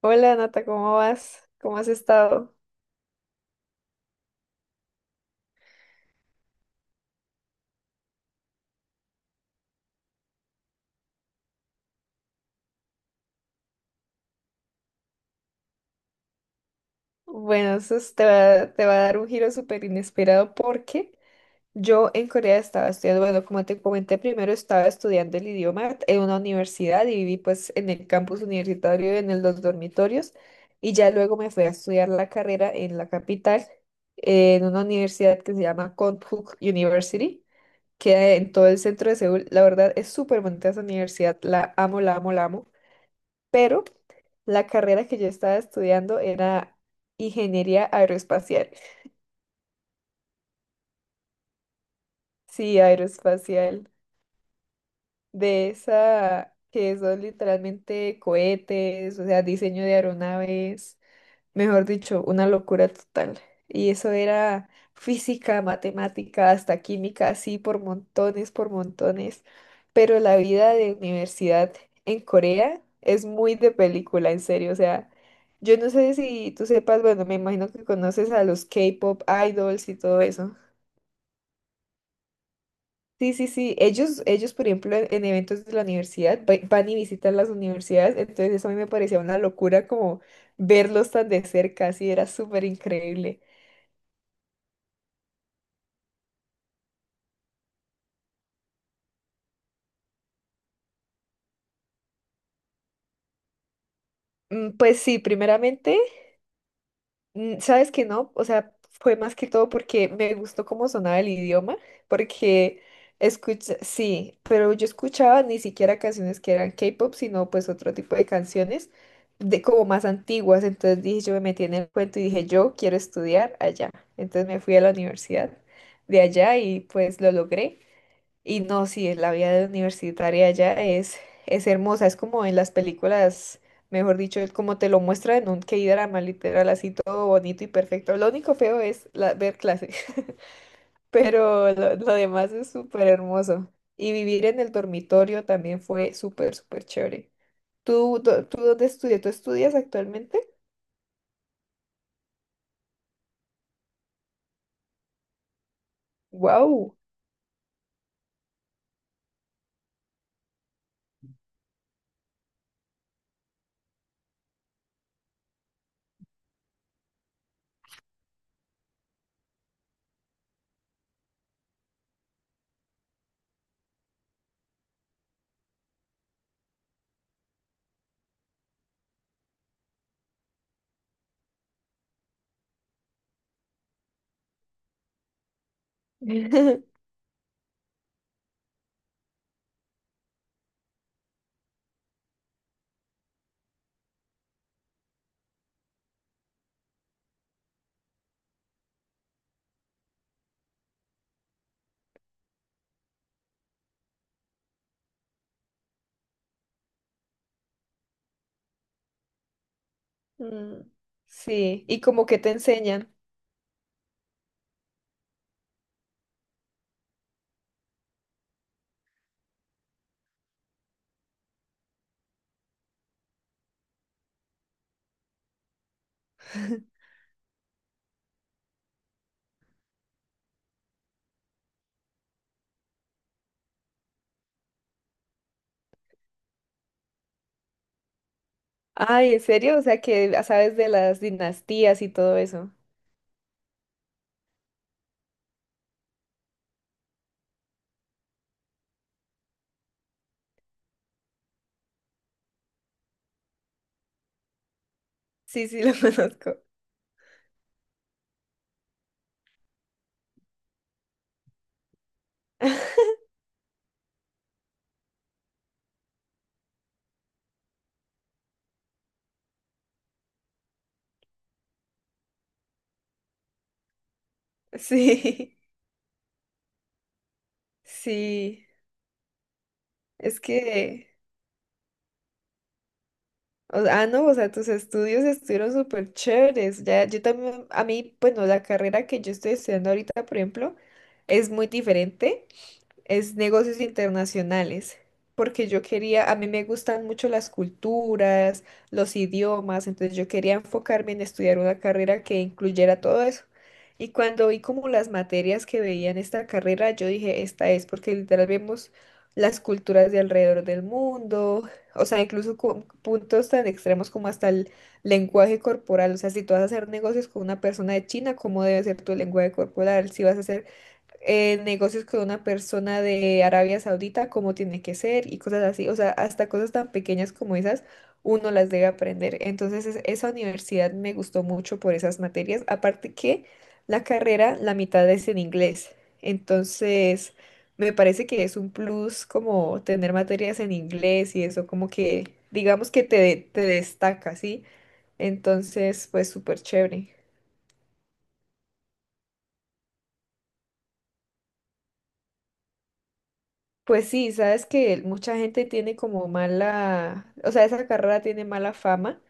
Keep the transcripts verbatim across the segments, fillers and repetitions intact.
Hola Nata, ¿cómo vas? ¿Cómo has estado? Bueno, eso es- te va, te va a dar un giro súper inesperado porque yo en Corea estaba estudiando, bueno, como te comenté primero, estaba estudiando el idioma en una universidad y viví pues en el campus universitario, en el- los dormitorios, y ya luego me fui a estudiar la carrera en la capital, eh, en una universidad que se llama Konkuk University, que en todo el centro de Seúl. La verdad es súper bonita esa universidad, la amo, la amo, la amo. Pero la carrera que yo estaba estudiando era ingeniería aeroespacial. Sí, aeroespacial, de esa que son literalmente cohetes, o sea, diseño de aeronaves. Mejor dicho, una locura total. Y eso era física, matemática, hasta química, así por montones, por montones. Pero la vida de universidad en Corea es muy de película, en serio. O sea, yo no sé si tú sepas, bueno, me imagino que conoces a los K-pop idols y todo eso. Sí, sí, sí. Ellos, ellos, por ejemplo, en, en eventos de la universidad va- van y visitan las universidades. Entonces eso a mí me parecía una locura como verlos tan de cerca, así era súper increíble. Mm, Pues sí, primeramente, mm, sabes que no, o sea, fue más que todo porque me gustó cómo sonaba el idioma, porque escucha, sí, pero yo escuchaba ni siquiera canciones que eran K-pop, sino pues otro tipo de canciones, de como más antiguas, entonces dije, yo me metí en el cuento y dije, yo quiero estudiar allá, entonces me fui a la universidad de allá y pues lo logré. Y no, sí, es la vida de universitaria allá es, es hermosa, es como en las películas, mejor dicho, es como te lo muestra en un K-drama, literal, así todo bonito y perfecto. Lo único feo es la- ver clases, pero lo, lo demás es súper hermoso. Y vivir en el dormitorio también fue súper, súper chévere. ¿Tú, dó- tú dónde estudias? ¿Tú estudias actualmente? ¡Wow! Sí, y como que te enseñan. Ay, ¿en serio? O sea que sabes de las dinastías y todo eso. Sí, sí, lo conozco. Sí, sí. Es que, o- ah, no, o sea, tus estudios estuvieron súper chéveres. Ya, yo también, a mí, bueno, la carrera que yo estoy estudiando ahorita, por ejemplo, es muy diferente. Es negocios internacionales, porque yo quería, a mí me gustan mucho las culturas, los idiomas, entonces yo quería enfocarme en estudiar una carrera que incluyera todo eso. Y cuando vi como las materias que veía en esta carrera, yo dije, esta es, porque literal vemos las culturas de alrededor del mundo, o sea, incluso con puntos tan extremos como hasta el lenguaje corporal, o sea, si tú vas a hacer negocios con una persona de China, ¿cómo debe ser tu lenguaje corporal? Si vas a hacer eh, negocios con una persona de Arabia Saudita, cómo tiene que ser y cosas así. O sea, hasta cosas tan pequeñas como esas, uno las debe aprender. Entonces, es- esa universidad me gustó mucho por esas materias. Aparte que la carrera, la mitad es en inglés. Entonces, me parece que es un plus como tener materias en inglés y eso como que, digamos que te, te destaca, ¿sí? Entonces, pues súper chévere. Pues sí, sabes que mucha gente tiene como mala, o sea, esa carrera tiene mala fama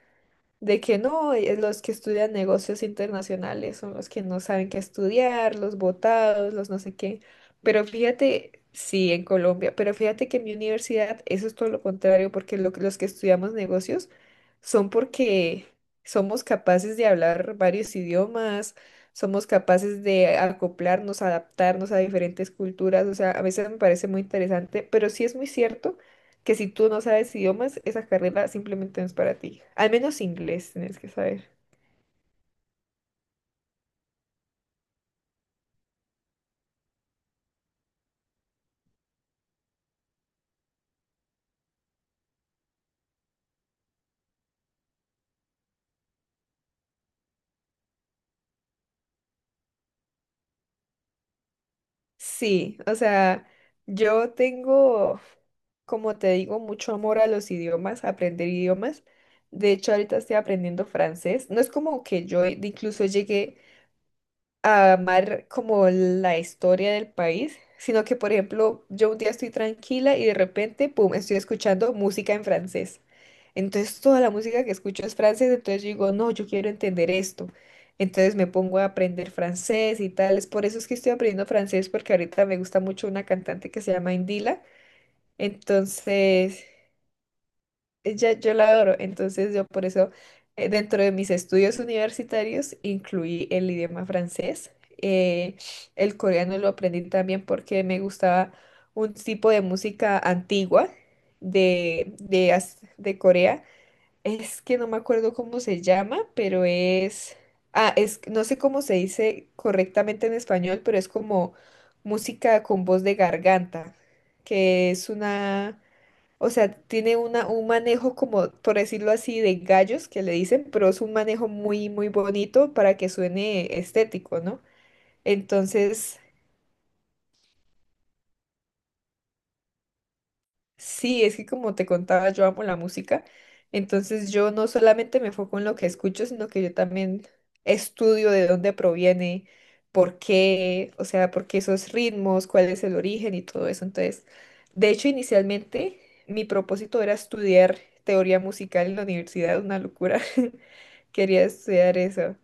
de que no, eh, los que estudian negocios internacionales son los que no saben qué estudiar, los botados, los no sé qué. Pero fíjate, sí, en Colombia, pero fíjate que en mi universidad eso es todo lo contrario, porque lo que- los que estudiamos negocios son porque somos capaces de hablar varios idiomas, somos capaces de acoplarnos, adaptarnos a diferentes culturas. O sea, a veces me parece muy interesante, pero sí es muy cierto que si tú no sabes idiomas, esa carrera simplemente no es para ti. Al menos inglés tienes que saber. Sí, o sea, yo tengo, como te digo, mucho amor a los idiomas, a aprender idiomas. De hecho, ahorita estoy aprendiendo francés. No es como que yo incluso llegué a amar como la historia del país, sino que, por ejemplo, yo un día estoy tranquila y de repente, pum, estoy escuchando música en francés. Entonces toda la música que escucho es francés, entonces yo digo, no, yo quiero entender esto. Entonces me pongo a aprender francés y tal. Es por eso es que estoy aprendiendo francés, porque ahorita me gusta mucho una cantante que se llama Indila. Entonces, ella, yo la adoro, entonces yo por eso eh, dentro de mis estudios universitarios incluí el idioma francés. eh, el coreano lo aprendí también porque me gustaba un tipo de música antigua de, de, as- de Corea. Es que no me acuerdo cómo se llama, pero es... Ah, es, no sé cómo se dice correctamente en español, pero es como música con voz de garganta, que es una... O sea, tiene una, un manejo como, por decirlo así, de gallos que le dicen, pero es un manejo muy, muy bonito para que suene estético, ¿no? Entonces, sí, es que como te contaba, yo amo la música. Entonces, yo no solamente me enfoco en lo que escucho, sino que yo también estudio de dónde proviene, por qué, o sea, por qué esos ritmos, cuál es el origen y todo eso. Entonces, de hecho, inicialmente mi propósito era estudiar teoría musical en la universidad, una locura. Quería estudiar eso.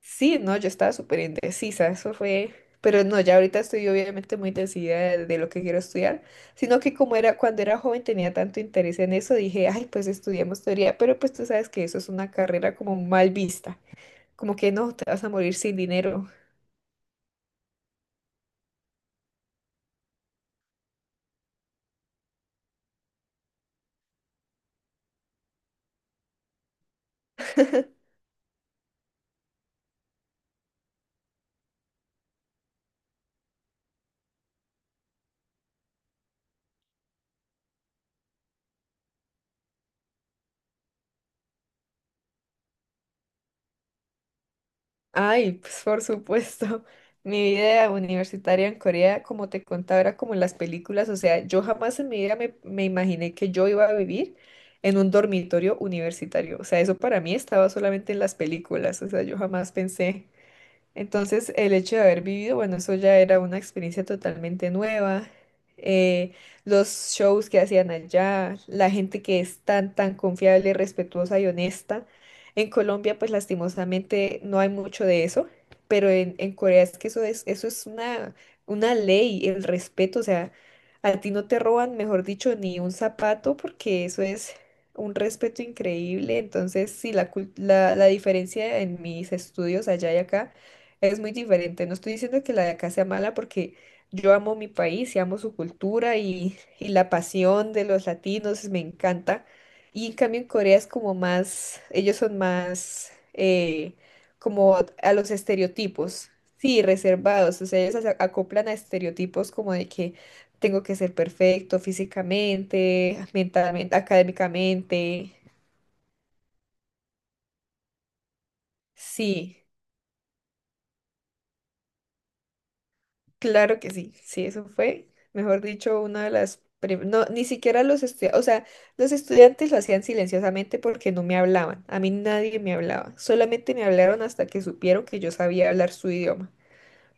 Sí, no, yo estaba súper indecisa, eso fue... Pero no, ya ahorita estoy obviamente muy decidida de, de lo que quiero estudiar, sino que como era cuando era joven tenía tanto interés en eso, dije, ay, pues estudiamos teoría, pero pues tú sabes que eso es una carrera como mal vista, como que no, te vas a morir sin dinero. Ay, pues por supuesto. Mi vida universitaria en Corea, como te contaba, era como en las películas. O sea, yo jamás en mi vida me, me imaginé que yo iba a vivir en un dormitorio universitario. O sea, eso para mí estaba solamente en las películas. O sea, yo jamás pensé. Entonces, el hecho de haber vivido, bueno, eso ya era una experiencia totalmente nueva. eh, los shows que hacían allá, la gente que es tan, tan confiable, respetuosa y honesta. En Colombia, pues lastimosamente no hay mucho de eso, pero en, en Corea es que eso es, eso es una, una ley, el respeto. O sea, a ti no te roban, mejor dicho, ni un zapato, porque eso es un respeto increíble. Entonces, sí, la, cul- la, la diferencia en mis estudios allá y acá es muy diferente. No estoy diciendo que la de acá sea mala porque yo amo mi país y amo su cultura, y, y la pasión de los latinos me encanta. Y en cambio en Corea es como más, ellos son más eh, como a los estereotipos, sí, reservados. O sea, ellos se acoplan a estereotipos como de que tengo que ser perfecto físicamente, mentalmente, académicamente. Sí. Claro que sí, sí, eso fue, mejor dicho, una de las... prim- No, ni siquiera los estudiantes, o sea, los estudiantes lo hacían silenciosamente porque no me hablaban, a mí nadie me hablaba, solamente me hablaron hasta que supieron que yo sabía hablar su idioma.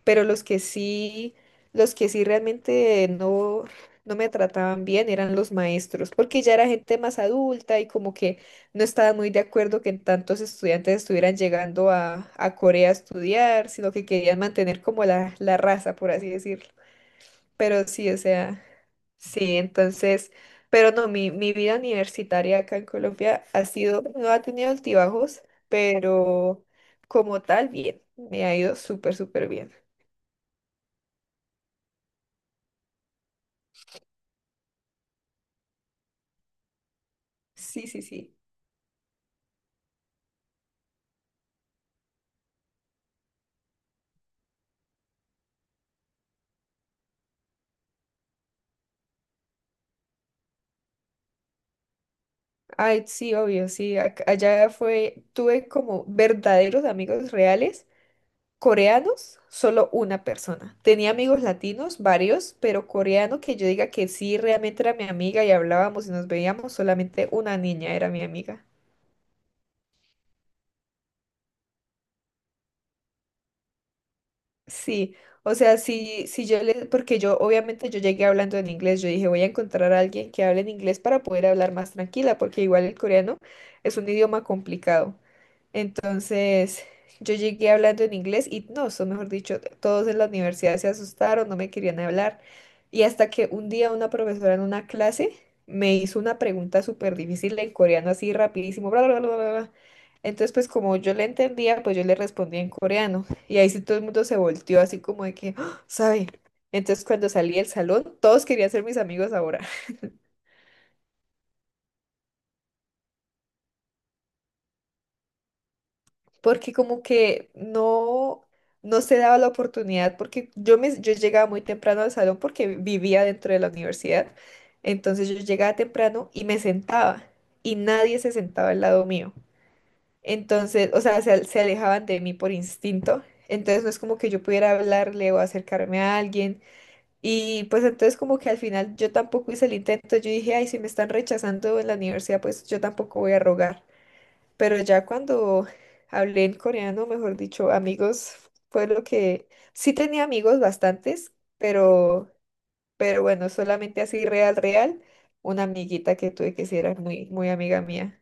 Pero los que sí, los que sí realmente no, no me trataban bien eran los maestros, porque ya era gente más adulta y como que no estaba muy de acuerdo que tantos estudiantes estuvieran llegando a, a Corea a estudiar, sino que querían mantener como la, la raza, por así decirlo. Pero sí, o sea, sí, entonces, pero no, mi, mi vida universitaria acá en Colombia ha sido, no ha tenido altibajos, pero como tal, bien, me ha ido súper, súper bien. Sí, sí, sí. Ay, sí, obvio, sí. ac- Allá fue, tuve como verdaderos amigos reales. Coreanos, solo una persona. Tenía amigos latinos, varios, pero coreano que yo diga que sí, realmente era mi amiga y hablábamos y nos veíamos, solamente una niña era mi amiga. Sí, o sea, sí, sí yo le, porque yo obviamente yo llegué hablando en inglés, yo dije voy a encontrar a alguien que hable en inglés para poder hablar más tranquila, porque igual el coreano es un idioma complicado. Entonces, yo llegué hablando en inglés y no, o mejor dicho, todos en la universidad se asustaron, no me querían hablar. Y hasta que un día una profesora en una clase me hizo una pregunta súper difícil en coreano, así rapidísimo, bla, bla, bla, bla, bla. bla. Entonces, pues como yo le entendía, pues yo le respondía en coreano. Y ahí sí todo el mundo se volteó así como de que, "Ah, ¿sabe?" Entonces, cuando salí del salón, todos querían ser mis amigos ahora. Porque como que no, no se daba la oportunidad, porque yo, me, yo llegaba muy temprano al salón porque vivía dentro de la universidad, entonces yo llegaba temprano y me sentaba y nadie se sentaba al lado mío. Entonces, o sea, se, se alejaban de mí por instinto, entonces no es como que yo pudiera hablarle o acercarme a alguien. Y pues entonces como que al final yo tampoco hice el intento, yo dije, ay, si me están rechazando en la universidad, pues yo tampoco voy a rogar. Pero ya cuando hablé en coreano, mejor dicho, amigos, fue lo que sí tenía amigos bastantes, pero, pero bueno, solamente así real, real, una amiguita que tuve que sí era muy, muy amiga mía.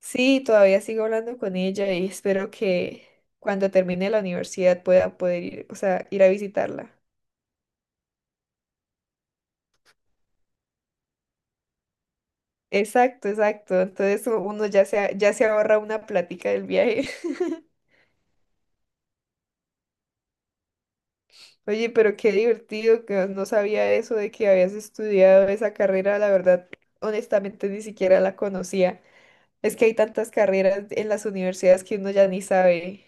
Sí, todavía sigo hablando con ella y espero que cuando termine la universidad pueda poder ir, o sea, ir a visitarla. Exacto, exacto. Entonces u- uno ya se, a- ya se ahorra una plática del viaje. Oye, pero qué divertido que no sabía eso de que habías estudiado esa carrera. La verdad, honestamente, ni siquiera la conocía. Es que hay tantas carreras en las universidades que uno ya ni sabe.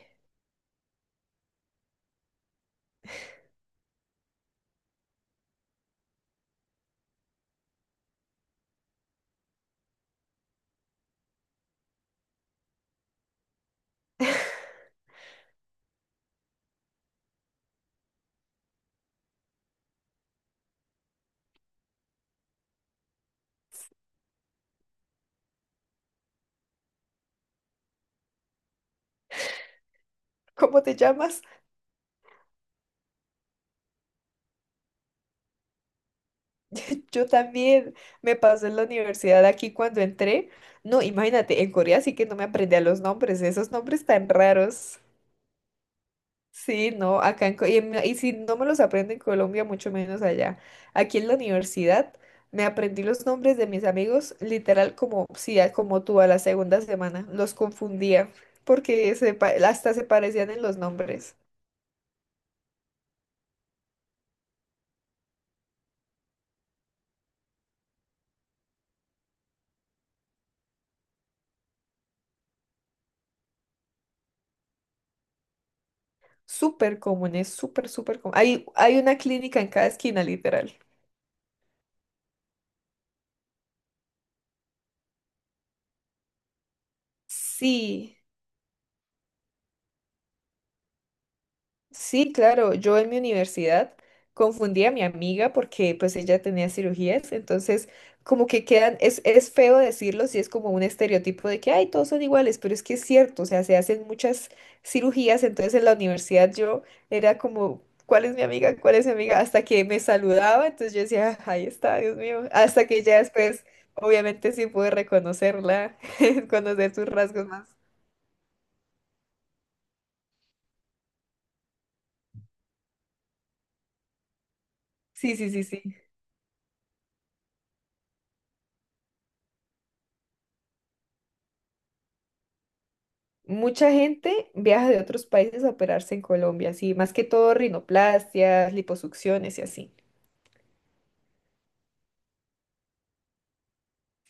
¿Cómo te llamas? Yo también me pasó en la universidad aquí cuando entré. No, imagínate, en Corea sí que no me aprendí a los nombres, esos nombres tan raros. Sí, no, acá en, Co- y, en- y si no me los aprendo en Colombia, mucho menos allá. Aquí en la universidad me aprendí los nombres de mis amigos, literal como sí, a- como tú a la segunda semana, los confundía porque se pa- hasta se parecían en los nombres. Súper comunes, súper, súper comunes. Hay, hay una clínica en cada esquina, literal. Sí. Sí, claro, yo en mi universidad confundí a mi amiga porque pues ella tenía cirugías, entonces como que quedan, es, es feo decirlo, si es como un estereotipo de que, ay, todos son iguales, pero es que es cierto, o sea, se hacen muchas cirugías, entonces en la universidad yo era como, ¿cuál es mi amiga? ¿Cuál es mi amiga? Hasta que me saludaba, entonces yo decía, "Ah, ahí está, Dios mío", hasta que ya después, obviamente sí pude reconocerla, conocer sus rasgos más. Sí, sí, sí, sí. Mucha gente viaja de otros países a operarse en Colombia, sí, más que todo rinoplastias, liposucciones y así.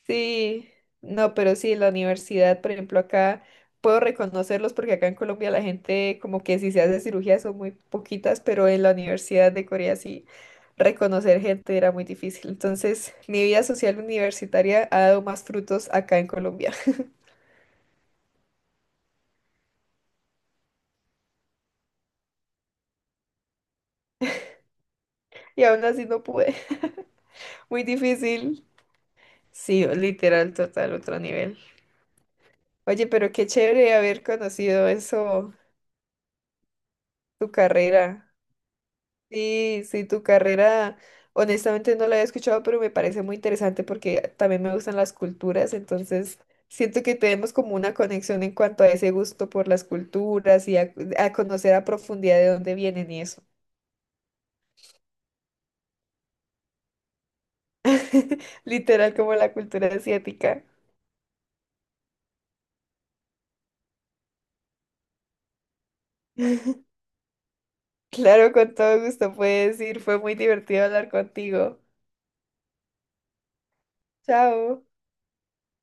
Sí, no, pero sí, la universidad, por ejemplo, acá puedo reconocerlos porque acá en Colombia la gente como que si se hace cirugía son muy poquitas, pero en la Universidad de Corea sí reconocer gente era muy difícil. Entonces, mi vida social universitaria ha dado más frutos acá en Colombia y aún así no pude. Muy difícil. Sí, literal, total, otro nivel. Oye, pero qué chévere haber conocido eso, tu carrera. Sí, sí, tu carrera, honestamente no la había escuchado, pero me parece muy interesante porque también me gustan las culturas, entonces siento que tenemos como una conexión en cuanto a ese gusto por las culturas y a, a conocer a profundidad de dónde vienen y eso. Literal como la cultura asiática. Claro, con todo gusto puedes ir, fue muy divertido hablar contigo. Chao.